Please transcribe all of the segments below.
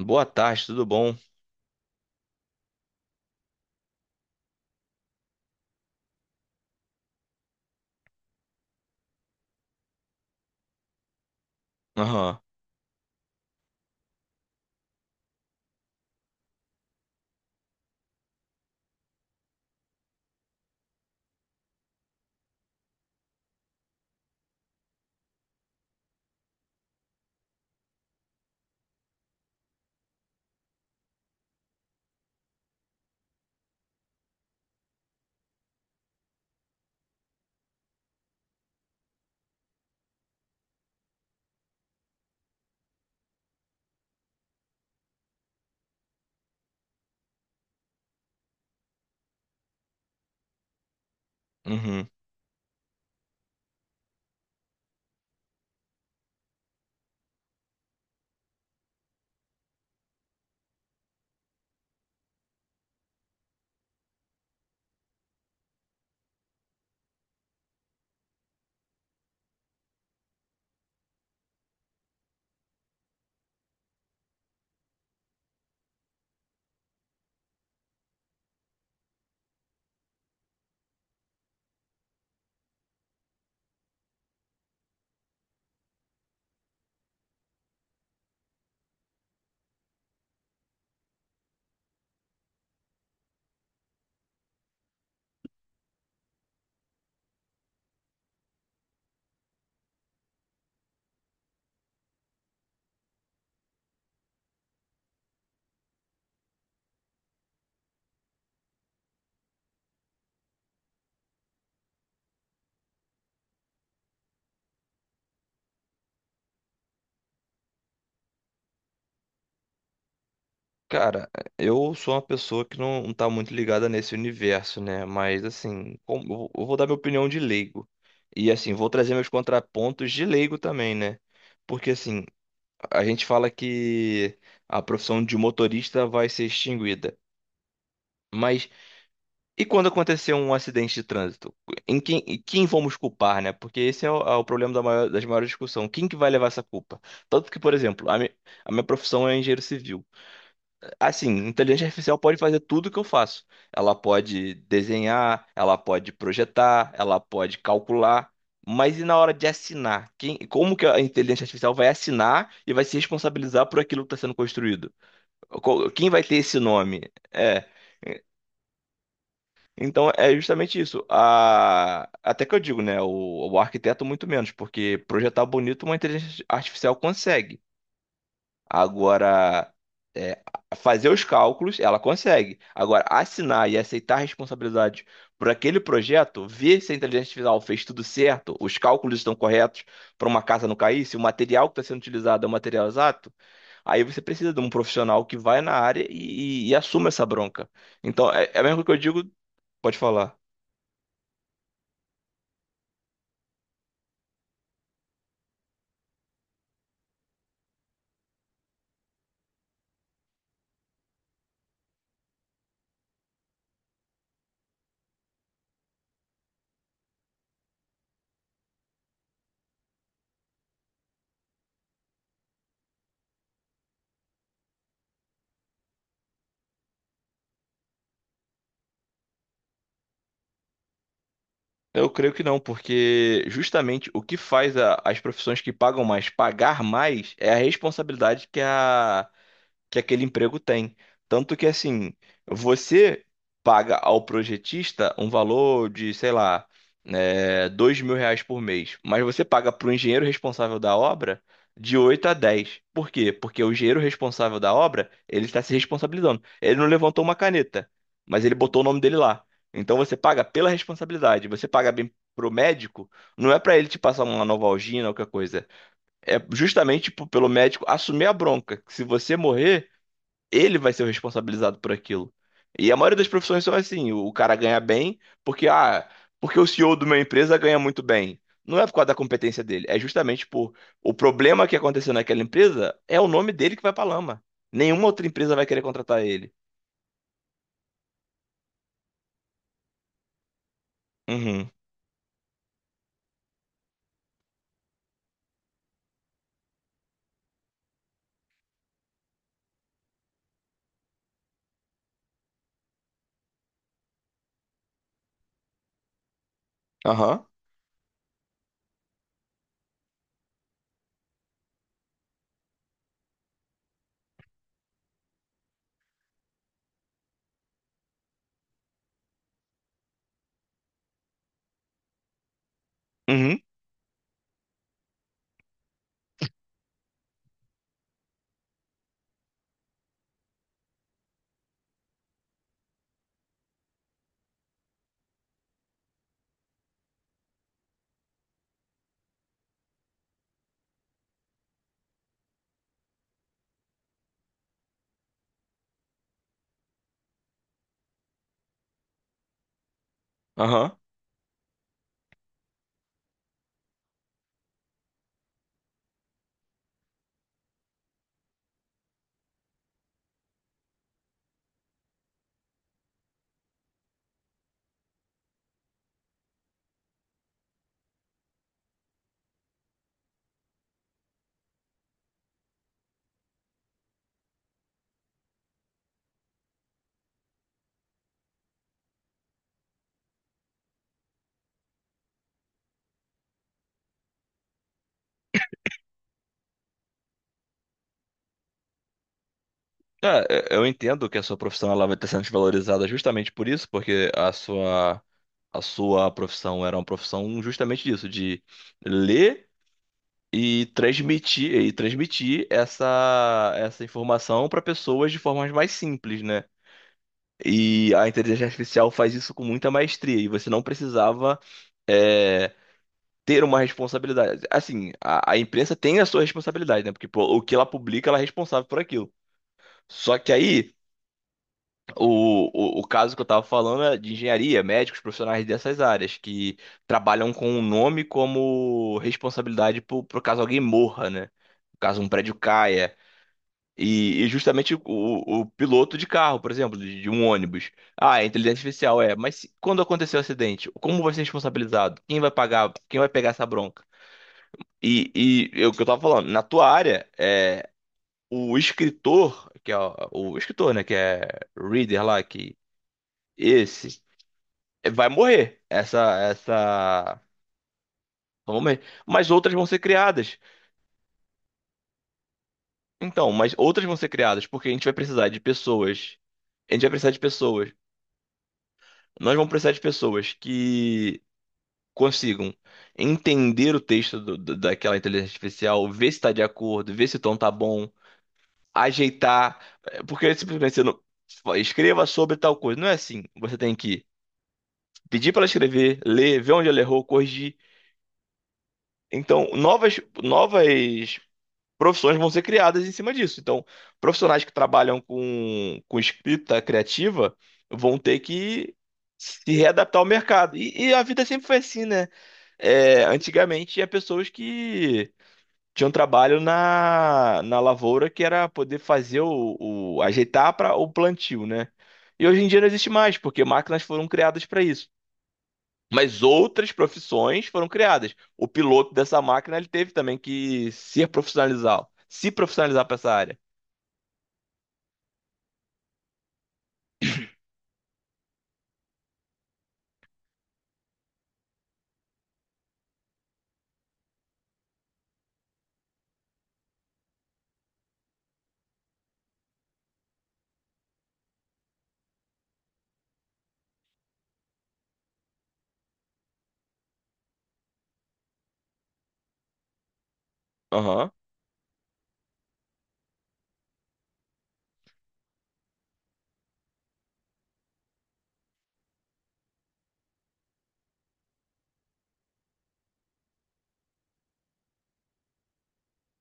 Boa tarde, tudo bom? Aham. Uhum. Cara, eu sou uma pessoa que não, não tá muito ligada nesse universo, né? Mas assim, eu vou dar minha opinião de leigo. E assim, vou trazer meus contrapontos de leigo também, né? Porque assim, a gente fala que a profissão de motorista vai ser extinguida. Mas. E quando aconteceu um acidente de trânsito, em quem vamos culpar, né? Porque esse é o problema das maiores discussões. Quem que vai levar essa culpa? Tanto que, por exemplo, a minha profissão é engenheiro civil. Assim, inteligência artificial pode fazer tudo o que eu faço. Ela pode desenhar, ela pode projetar, ela pode calcular. Mas e na hora de assinar? Quem, como que a inteligência artificial vai assinar e vai se responsabilizar por aquilo que está sendo construído? Quem vai ter esse nome? É. Então é justamente isso. Até que eu digo, né? O arquiteto, muito menos, porque projetar bonito uma inteligência artificial consegue. Agora, é, fazer os cálculos, ela consegue. Agora, assinar e aceitar a responsabilidade por aquele projeto, ver se a inteligência artificial fez tudo certo, os cálculos estão corretos para uma casa não cair, se o material que está sendo utilizado é o material exato, aí você precisa de um profissional que vai na área e assuma essa bronca. Então, é mesmo que eu digo, pode falar. Eu creio que não, porque justamente o que faz a- as profissões que pagam mais pagar mais é a responsabilidade que a, que aquele emprego tem. Tanto que, assim, você paga ao projetista um valor de, sei lá, 2.000 reais por mês, mas você paga para o engenheiro responsável da obra de 8 a 10. Por quê? Porque o engenheiro responsável da obra, ele está se responsabilizando. Ele não levantou uma caneta, mas ele botou o nome dele lá. Então você paga pela responsabilidade, você paga bem pro médico, não é para ele te passar uma Novalgina ou qualquer coisa. É justamente tipo, pelo médico assumir a bronca. Que Se você morrer, ele vai ser o responsabilizado por aquilo. E a maioria das profissões são assim, o cara ganha bem porque porque o CEO de uma empresa ganha muito bem. Não é por causa da competência dele, é justamente por o problema que aconteceu naquela empresa é o nome dele que vai pra lama. Nenhuma outra empresa vai querer contratar ele. Uhum. Aham. Uhum. Aham. É, eu entendo que a sua profissão ela vai estar sendo desvalorizada justamente por isso, porque a sua profissão era uma profissão justamente disso, de ler e transmitir essa essa informação para pessoas de formas mais simples, né? E a inteligência artificial faz isso com muita maestria e você não precisava é, ter uma responsabilidade. Assim, a imprensa tem a sua responsabilidade, né? Porque pô, o que ela publica, ela é responsável por aquilo. Só que aí, o, o caso que eu estava falando é de engenharia, médicos, profissionais dessas áreas, que trabalham com o nome como responsabilidade por caso alguém morra, né? Caso um prédio caia. E justamente o piloto de carro, por exemplo, de um ônibus. Ah, é inteligência artificial, é. Mas se- quando aconteceu o acidente, como vai ser responsabilizado? Quem vai pagar? Quem vai pegar essa bronca? E é o que eu tava falando, na tua área, o escritor, que é o escritor, né, que é reader lá, que esse vai morrer. Vão morrer. Mas outras vão ser criadas. Então, mas outras vão ser criadas, porque a gente vai precisar de pessoas. A gente vai precisar de pessoas. Nós vamos precisar de pessoas que consigam entender o texto daquela inteligência artificial, ver se está de acordo, ver se o tom tá bom, ajeitar, porque simplesmente você não fala, escreva sobre tal coisa. Não é assim. Você tem que pedir para ela escrever, ler, ver onde ela errou, corrigir. Então, novas, novas profissões vão ser criadas em cima disso. Então, profissionais que trabalham com escrita criativa vão ter que se readaptar ao mercado. E a vida sempre foi assim, né? É, antigamente tinha pessoas que tinham trabalho na lavoura que era poder fazer o, ajeitar para o plantio, né? E hoje em dia não existe mais, porque máquinas foram criadas para isso. Mas outras profissões foram criadas. O piloto dessa máquina ele teve também que se profissionalizar para essa área. Aham,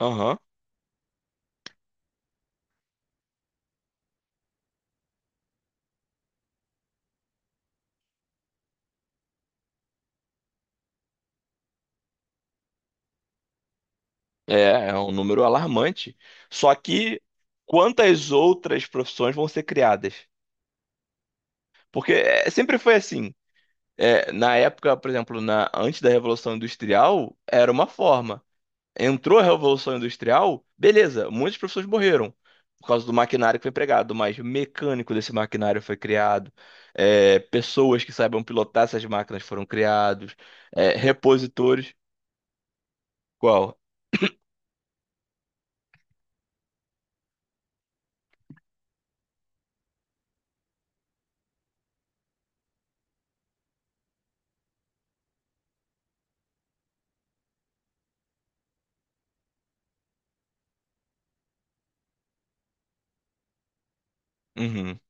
aham. É é um número alarmante. Só que quantas outras profissões vão ser criadas? Porque sempre foi assim. É, na época, por exemplo, na, antes da Revolução Industrial, era uma forma. Entrou a Revolução Industrial, beleza, muitas pessoas morreram por causa do maquinário que foi empregado, mas mecânico desse maquinário foi criado, pessoas que saibam pilotar essas máquinas foram criados, repositores. Qual? Uhum,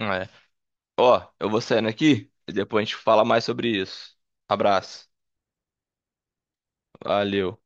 é. Ó, eu vou saindo aqui e depois a gente fala mais sobre isso. Abraço. Valeu.